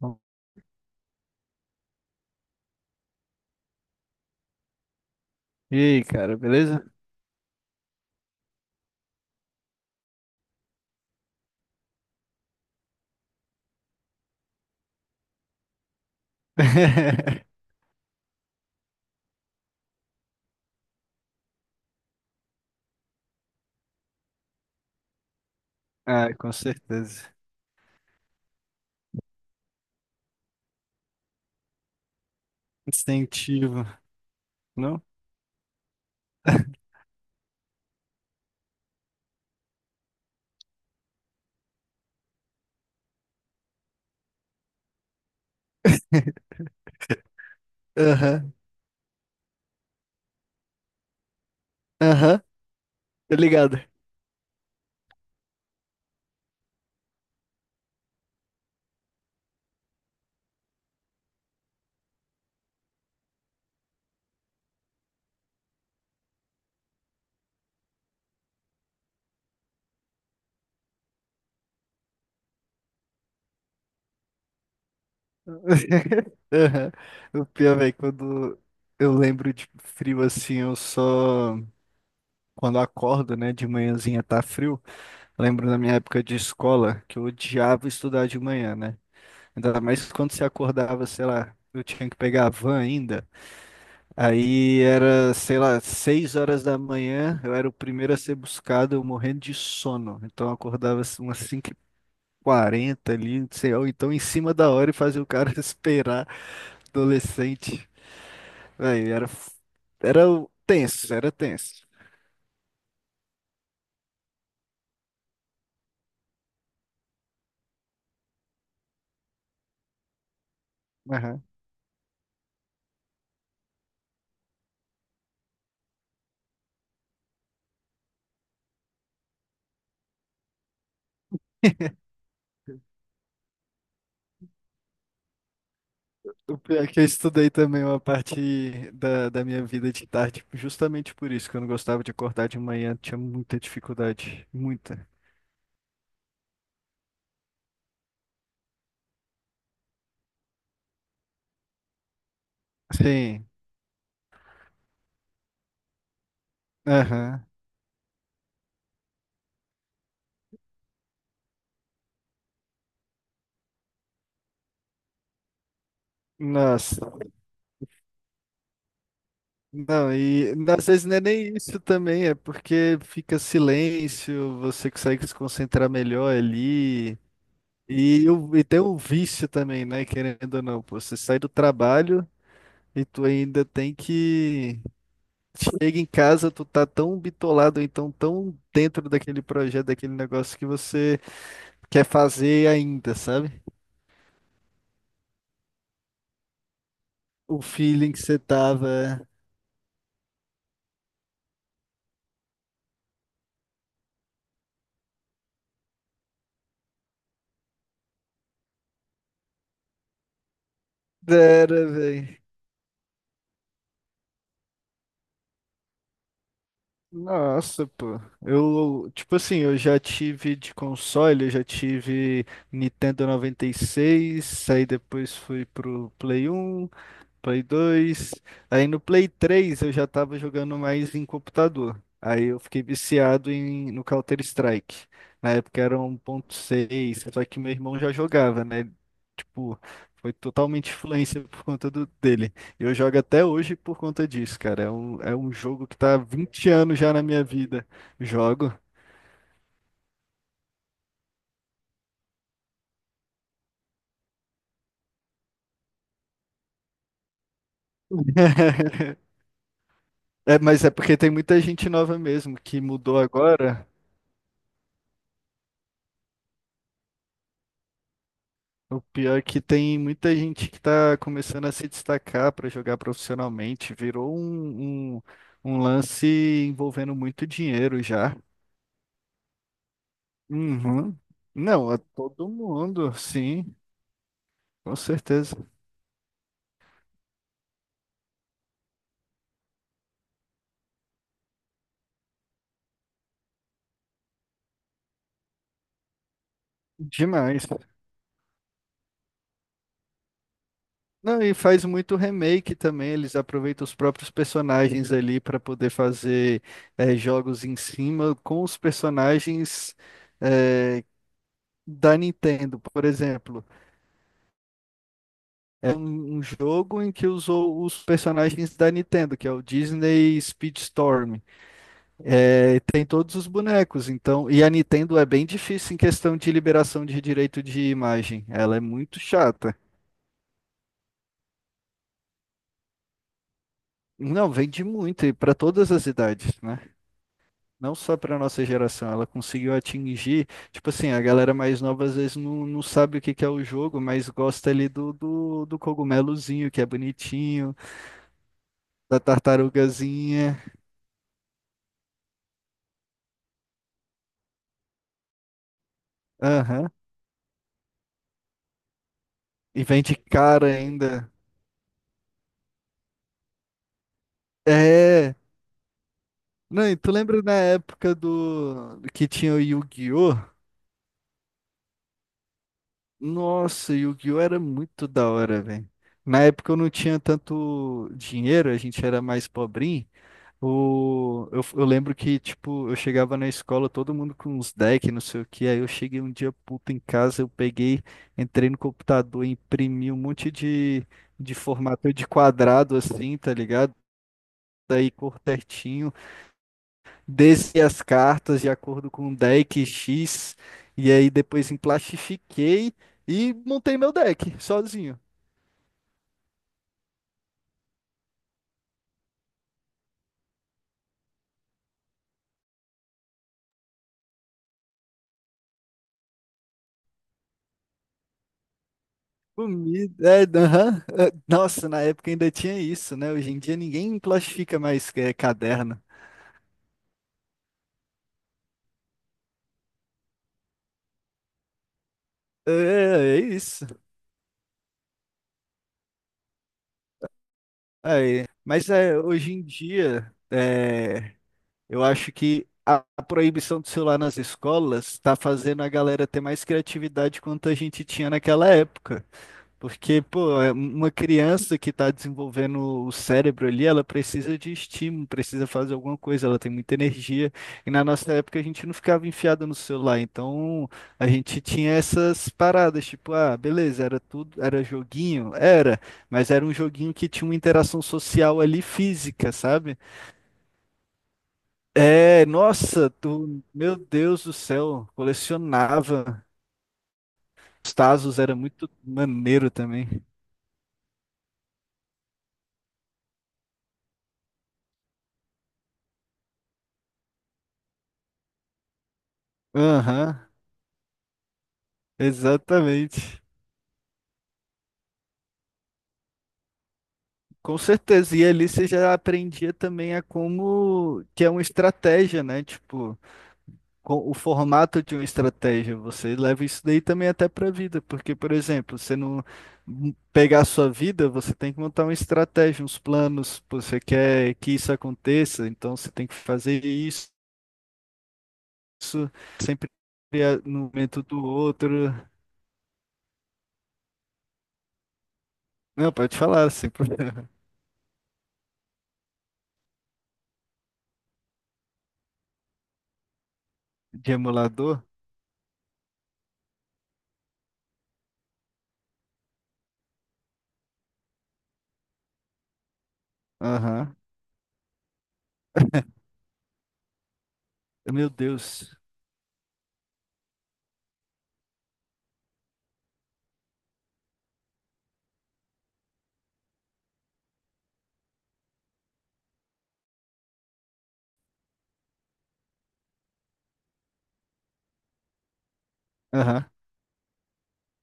Bom. E aí, cara, beleza? Ah, com certeza. Instintivo, não? Aham, aham, tá ligado? Aham. O pior, velho, quando eu lembro de frio assim, eu só. Quando acordo, né, de manhãzinha tá frio. Lembro da minha época de escola que eu odiava estudar de manhã, né? Ainda mais quando você acordava, sei lá, eu tinha que pegar a van ainda. Aí era, sei lá, 6 horas da manhã, eu era o primeiro a ser buscado, eu morrendo de sono. Então eu acordava assim, umas cinco h 40 ali, não sei, ou então em cima da hora e fazia o cara esperar, adolescente. Aí era, f- era o- tenso, era tenso. Aham. O pior é que eu estudei também uma parte da minha vida de tarde, justamente por isso, que eu não gostava de acordar de manhã, tinha muita dificuldade, muita. Sim, aham. Nossa. Não, e às vezes não é nem isso também, é porque fica silêncio, você consegue se concentrar melhor ali. E tem o vício também, né? Querendo ou não, pô, você sai do trabalho e tu ainda tem que. Chega em casa, tu tá tão bitolado, ou então tão dentro daquele projeto, daquele negócio que você quer fazer ainda, sabe? O feeling que você tava. Era, velho. Nossa, pô. Eu, tipo assim, eu já tive de console, eu já tive Nintendo 96 aí depois fui pro Play 1, Play 2. Aí no Play 3 eu já tava jogando mais em computador. Aí eu fiquei viciado no Counter-Strike. Na época era 1.6, só que meu irmão já jogava, né? Tipo, foi totalmente influência por conta dele. E eu jogo até hoje por conta disso, cara. É um jogo que tá há 20 anos já na minha vida. Jogo. É, mas é porque tem muita gente nova mesmo que mudou agora. O pior é que tem muita gente que está começando a se destacar para jogar profissionalmente. Virou um lance envolvendo muito dinheiro já. Uhum. Não, é todo mundo, sim, com certeza. Demais. Não, e faz muito remake também. Eles aproveitam os próprios personagens ali para poder fazer jogos em cima com os personagens eh, da Nintendo, por exemplo. É um jogo em que usou os personagens da Nintendo, que é o Disney Speedstorm. É, tem todos os bonecos, então. E a Nintendo é bem difícil em questão de liberação de direito de imagem. Ela é muito chata. Não, vende muito, e para todas as idades, né? Não só para nossa geração. Ela conseguiu atingir. Tipo assim, a galera mais nova às vezes não sabe o que que é o jogo, mas gosta ali do cogumelozinho, que é bonitinho, da tartarugazinha. Aham. E vende caro ainda. É. Não, e tu lembra na época do que tinha o Yu-Gi-Oh? Nossa, o Yu-Gi-Oh era muito da hora, velho. Na época eu não tinha tanto dinheiro, a gente era mais pobrinho. Eu lembro que, tipo, eu chegava na escola, todo mundo com uns decks, não sei o que. Aí eu cheguei um dia puto em casa, eu peguei, entrei no computador, imprimi um monte de formato de quadrado assim, tá ligado? Daí cor certinho. Desci as cartas de acordo com o deck X, e aí depois emplastifiquei e montei meu deck sozinho. Comida, é, aham, é, nossa, na época ainda tinha isso, né? Hoje em dia ninguém plastifica mais é, caderno. É, é isso. Aí, mas é, hoje em dia, é, eu acho que a proibição do celular nas escolas está fazendo a galera ter mais criatividade quanto a gente tinha naquela época. Porque, pô, é uma criança que está desenvolvendo o cérebro ali, ela precisa de estímulo, precisa fazer alguma coisa, ela tem muita energia. E na nossa época a gente não ficava enfiado no celular, então a gente tinha essas paradas, tipo, ah, beleza, era tudo, era joguinho, era, mas era um joguinho que tinha uma interação social ali física, sabe? É, nossa, tu, meu Deus do céu, colecionava. Os Tazos era muito maneiro também. Aham, exatamente. Com certeza, e ali você já aprendia também a como que é uma estratégia, né? Tipo, o formato de uma estratégia. Você leva isso daí também até pra vida, porque, por exemplo, você não pegar a sua vida, você tem que montar uma estratégia, uns planos, pô, você quer que isso aconteça, então você tem que fazer isso sempre no momento do outro. Não, pode falar, sem problema. De emulador? Aham. Meu Deus. Aham.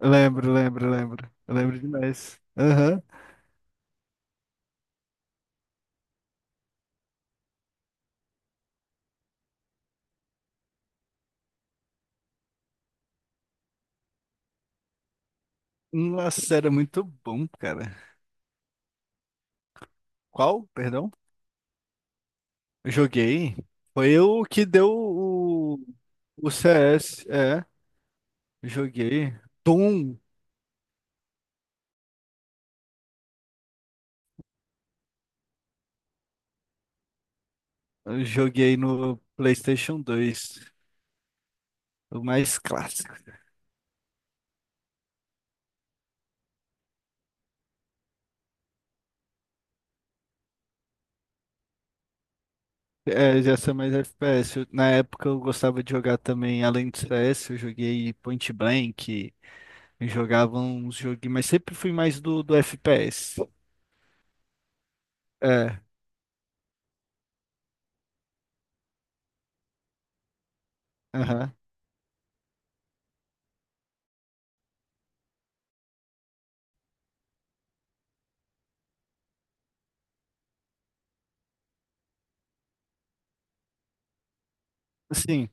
Lembro, lembro, lembro. Eu lembro demais. Aham. Nossa, era muito bom, cara. Qual? Perdão? Eu joguei. Foi o que deu o CS. É, joguei. Doom. Eu joguei no PlayStation 2. O mais clássico. É, já sou mais FPS. Na época eu gostava de jogar também, além do CS, eu joguei Point Blank. Eu jogava uns joguinhos, mas sempre fui mais do FPS. É, aham. Sim.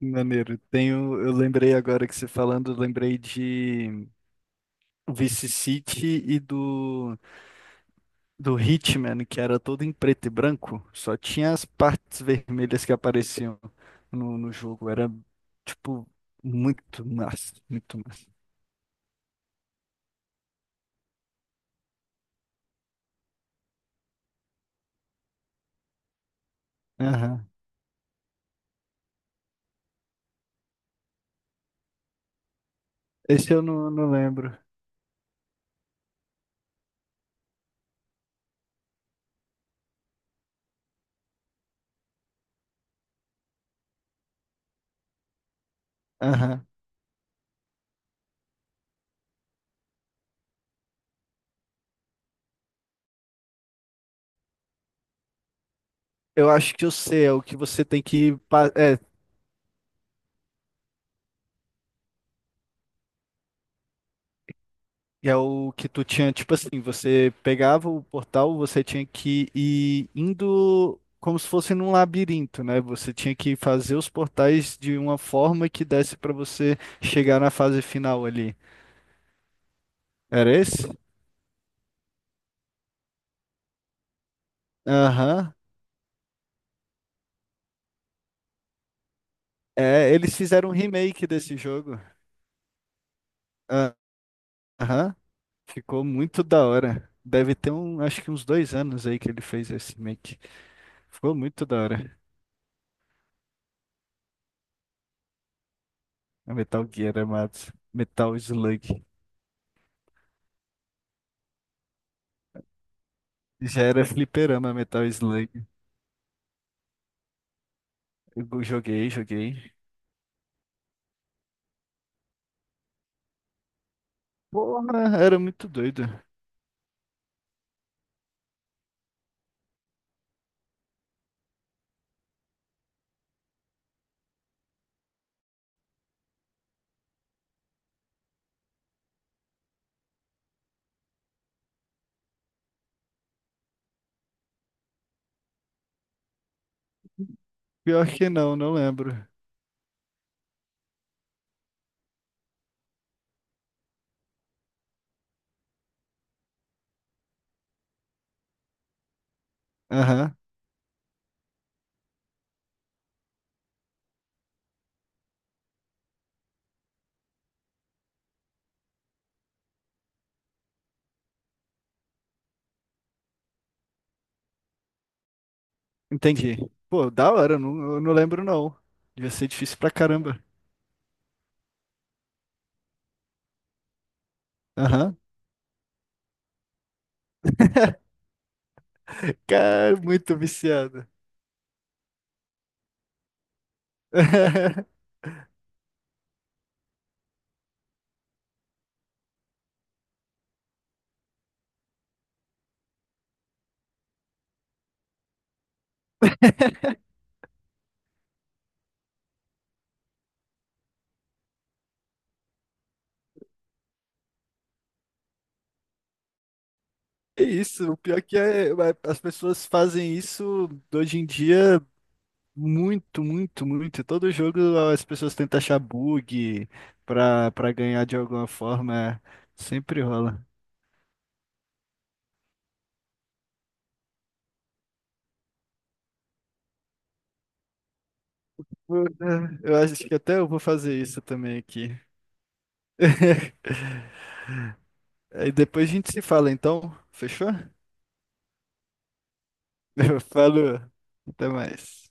Maneiro. Tenho, eu lembrei agora que você falando, eu lembrei de Vice City e do Hitman, que era todo em preto e branco, só tinha as partes vermelhas que apareciam no jogo. Era, tipo, muito massa, muito massa. Aham. Esse eu não lembro. Aham. Eu acho que eu sei, é o que você tem que. É o que tu tinha, tipo assim, você pegava o portal, você tinha que ir indo como se fosse num labirinto, né? Você tinha que fazer os portais de uma forma que desse pra você chegar na fase final ali. Era esse? Aham. É, eles fizeram um remake desse jogo. Ah. Aham. Ficou muito da hora. Deve ter um, acho que uns 2 anos aí que ele fez esse remake. Ficou muito da hora. A Metal Gear, amados. Metal Slug. Já era fliperama Metal Slug. Eu joguei, joguei. Porra, era muito doido. Pior que não lembro. Aham, entendi. Pô, da hora, não, eu não lembro não. Devia ser difícil pra caramba. Aham. Cara, muito viciado. É isso, o pior que é, as pessoas fazem isso hoje em dia muito, muito, muito. Todo jogo as pessoas tentam achar bug pra ganhar de alguma forma. Sempre rola. Eu acho que até eu vou fazer isso também aqui. Aí depois a gente se fala, então. Fechou? Falou. Até mais.